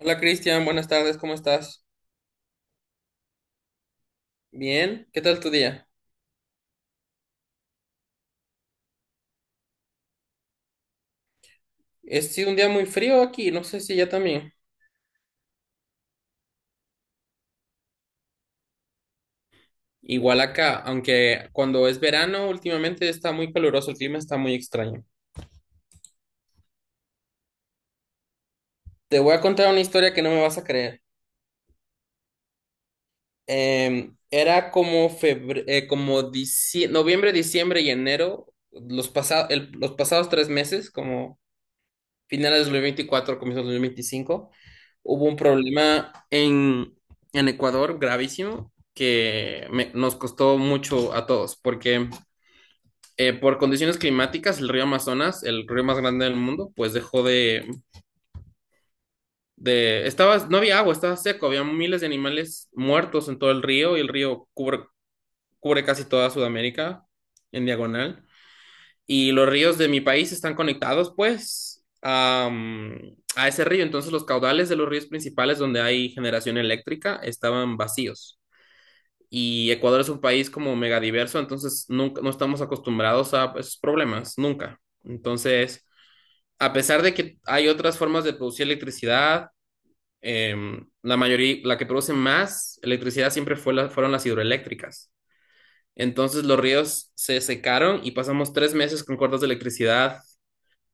Hola Cristian, buenas tardes, ¿cómo estás? Bien, ¿qué tal tu día? Ha sido un día muy frío aquí, no sé si ya también. Igual acá, aunque cuando es verano últimamente está muy caluroso, el clima está muy extraño. Te voy a contar una historia que no me vas a creer. Era como noviembre, diciembre y enero, los pasados 3 meses, como finales de 2024, comienzos de 2025, hubo un problema en Ecuador gravísimo que nos costó mucho a todos, porque por condiciones climáticas el río Amazonas, el río más grande del mundo, pues dejó de, estaba, no había agua, estaba seco, había miles de animales muertos en todo el río y el río cubre casi toda Sudamérica en diagonal. Y los ríos de mi país están conectados, pues, a ese río. Entonces, los caudales de los ríos principales donde hay generación eléctrica estaban vacíos. Y Ecuador es un país como megadiverso, entonces nunca, no estamos acostumbrados a esos problemas, nunca. Entonces, a pesar de que hay otras formas de producir electricidad, la mayoría, la que produce más electricidad siempre fueron las hidroeléctricas. Entonces los ríos se secaron y pasamos 3 meses con cortes de electricidad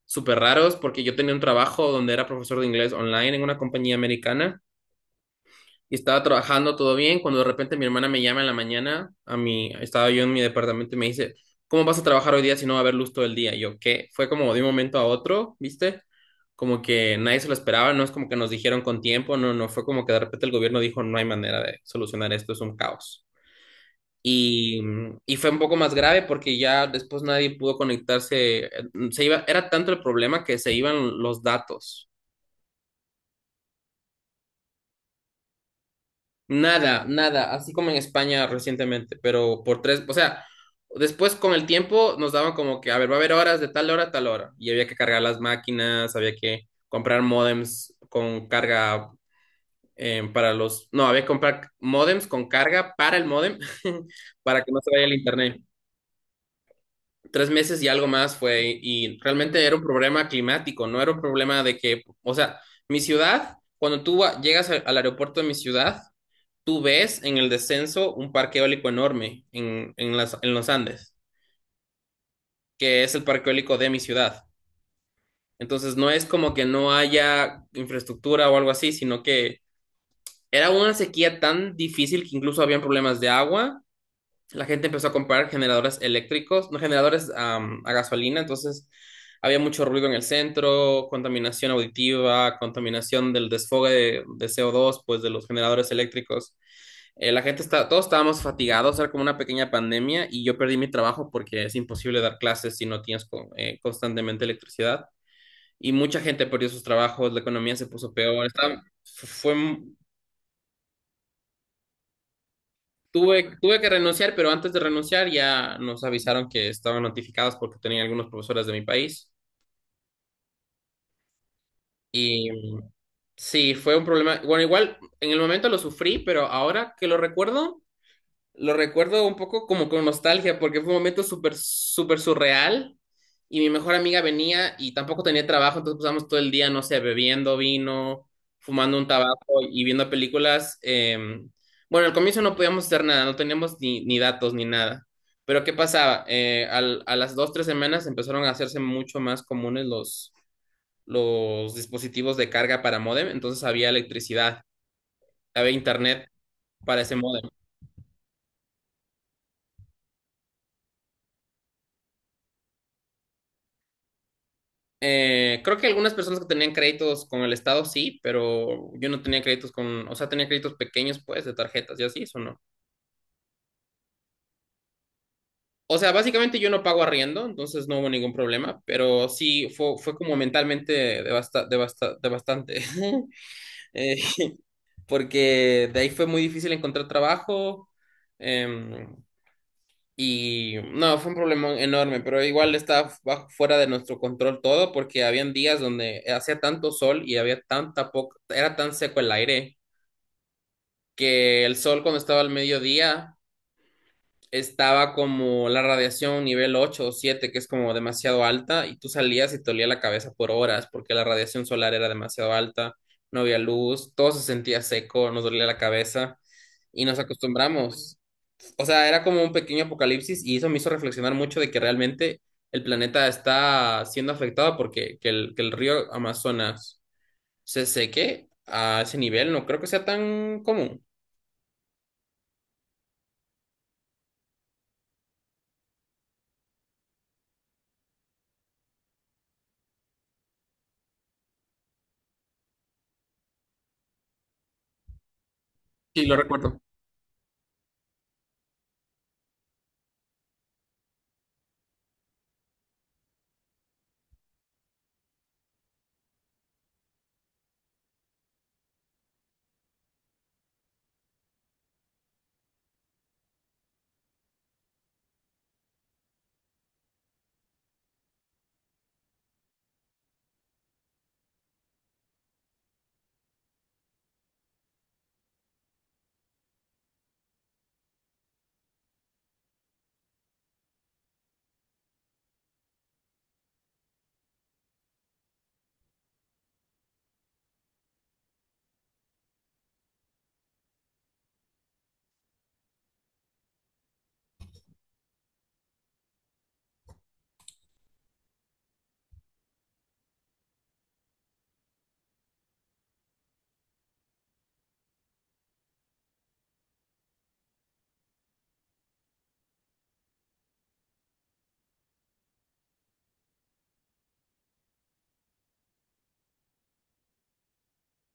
súper raros porque yo tenía un trabajo donde era profesor de inglés online en una compañía americana y estaba trabajando todo bien cuando de repente mi hermana me llama en la mañana, a mí, estaba yo en mi departamento y me dice, ¿cómo vas a trabajar hoy día si no va a haber luz todo el día? Y yo, ¿qué? Fue como de un momento a otro, ¿viste? Como que nadie se lo esperaba, no es como que nos dijeron con tiempo, no, no, fue como que de repente el gobierno dijo, no hay manera de solucionar esto, es un caos. Y, y fue un poco más grave porque ya después nadie pudo conectarse. Se iba, era tanto el problema que se iban los datos. Nada, nada, así como en España recientemente, pero por tres, o sea, después con el tiempo nos daban como que, a ver, va a haber horas de tal hora a tal hora, y había que cargar las máquinas, había que comprar módems con carga para los, no, había que comprar módems con carga para el módem, para que no se vaya el internet. Tres meses y algo más fue, y realmente era un problema climático, no era un problema de que, o sea, mi ciudad, cuando tú llegas al aeropuerto de mi ciudad, tú ves en el descenso un parque eólico enorme en los Andes, que es el parque eólico de mi ciudad. Entonces, no es como que no haya infraestructura o algo así, sino que era una sequía tan difícil que incluso habían problemas de agua. La gente empezó a comprar generadores eléctricos, no generadores a gasolina, entonces había mucho ruido en el centro, contaminación auditiva, contaminación del desfogue de CO2, pues de los generadores eléctricos. La gente está, todos estábamos fatigados, era como una pequeña pandemia y yo perdí mi trabajo porque es imposible dar clases si no tienes constantemente electricidad. Y mucha gente perdió sus trabajos, la economía se puso peor, fue. Tuve que renunciar, pero antes de renunciar ya nos avisaron que estaban notificados porque tenían algunos profesores de mi país. Y sí, fue un problema. Bueno, igual en el momento lo sufrí, pero ahora que lo recuerdo, lo recuerdo un poco como con nostalgia, porque fue un momento súper, súper surreal. Y mi mejor amiga venía y tampoco tenía trabajo, entonces pasamos todo el día, no sé, bebiendo vino, fumando un tabaco y viendo películas. Bueno, al comienzo no podíamos hacer nada, no teníamos ni datos ni nada. Pero ¿qué pasaba? A las 2, 3 semanas empezaron a hacerse mucho más comunes los dispositivos de carga para módem, entonces había electricidad, había internet para ese módem. Creo que algunas personas que tenían créditos con el Estado sí, pero yo no tenía créditos con, o sea, tenía créditos pequeños, pues, de tarjetas y así, eso no. O sea, básicamente yo no pago arriendo, entonces no hubo ningún problema, pero sí fue, fue como mentalmente devastante, Eh, porque de ahí fue muy difícil encontrar trabajo. em, Y no, fue un problema enorme, pero igual estaba fuera de nuestro control todo porque habían días donde hacía tanto sol y había tanta poca, era tan seco el aire que el sol cuando estaba al mediodía estaba como la radiación nivel 8 o 7, que es como demasiado alta, y tú salías y te olía la cabeza por horas porque la radiación solar era demasiado alta, no había luz, todo se sentía seco, nos dolía la cabeza y nos acostumbramos. O sea, era como un pequeño apocalipsis y eso me hizo reflexionar mucho de que realmente el planeta está siendo afectado porque que que el río Amazonas se seque a ese nivel, no creo que sea tan común. Sí, lo recuerdo.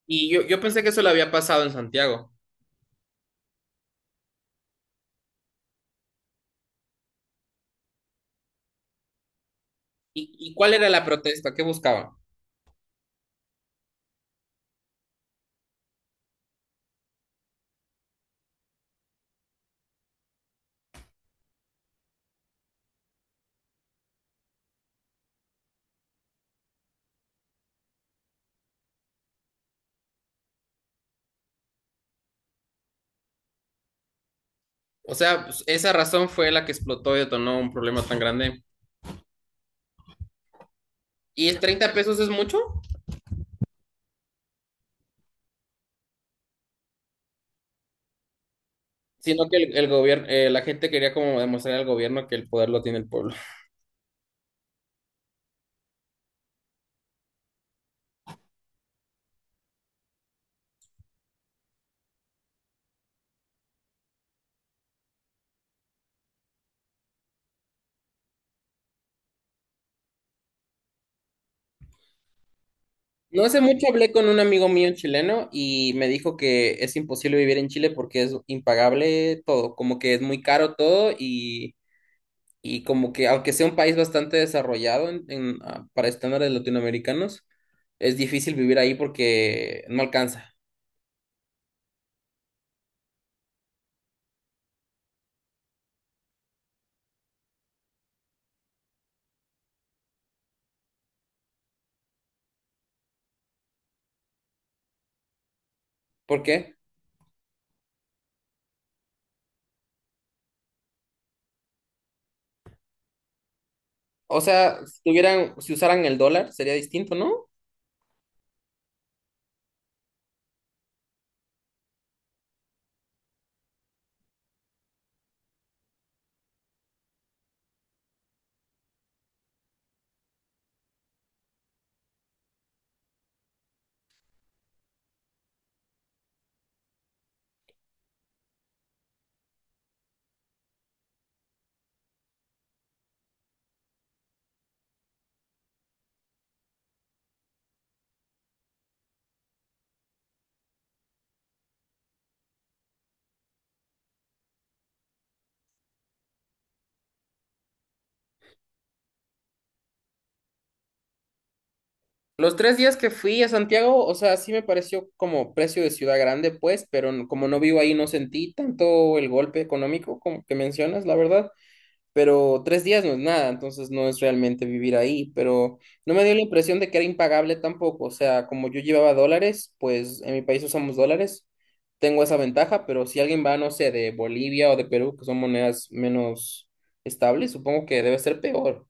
Y yo pensé que eso le había pasado en Santiago. Y cuál era la protesta? ¿Qué buscaban? O sea, pues, esa razón fue la que explotó y detonó un problema tan grande. ¿Y es 30 pesos es mucho? Sino que el gobierno, la gente quería como demostrar al gobierno que el poder lo tiene el pueblo. No hace mucho hablé con un amigo mío chileno y me dijo que es imposible vivir en Chile porque es impagable todo, como que es muy caro todo y como que aunque sea un país bastante desarrollado para estándares latinoamericanos, es difícil vivir ahí porque no alcanza. ¿Por qué? O sea, si tuvieran, si usaran el dólar sería distinto, ¿no? Los 3 días que fui a Santiago, o sea, sí me pareció como precio de ciudad grande, pues, pero como no vivo ahí, no sentí tanto el golpe económico como que mencionas, la verdad. Pero 3 días no es nada, entonces no es realmente vivir ahí. Pero no me dio la impresión de que era impagable tampoco. O sea, como yo llevaba dólares, pues en mi país usamos dólares, tengo esa ventaja, pero si alguien va, no sé, de Bolivia o de Perú, que son monedas menos estables, supongo que debe ser peor.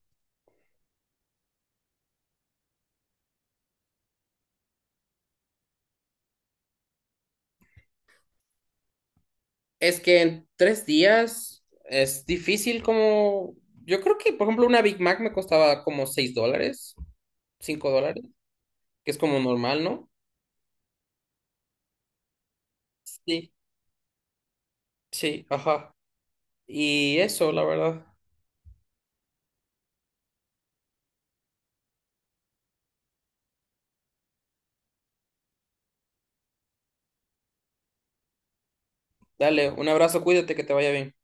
Es que en 3 días es difícil como... Yo creo que, por ejemplo, una Big Mac me costaba como $6, $5, que es como normal, ¿no? Sí. Sí, ajá. Y eso, la verdad. Dale, un abrazo, cuídate, que te vaya bien.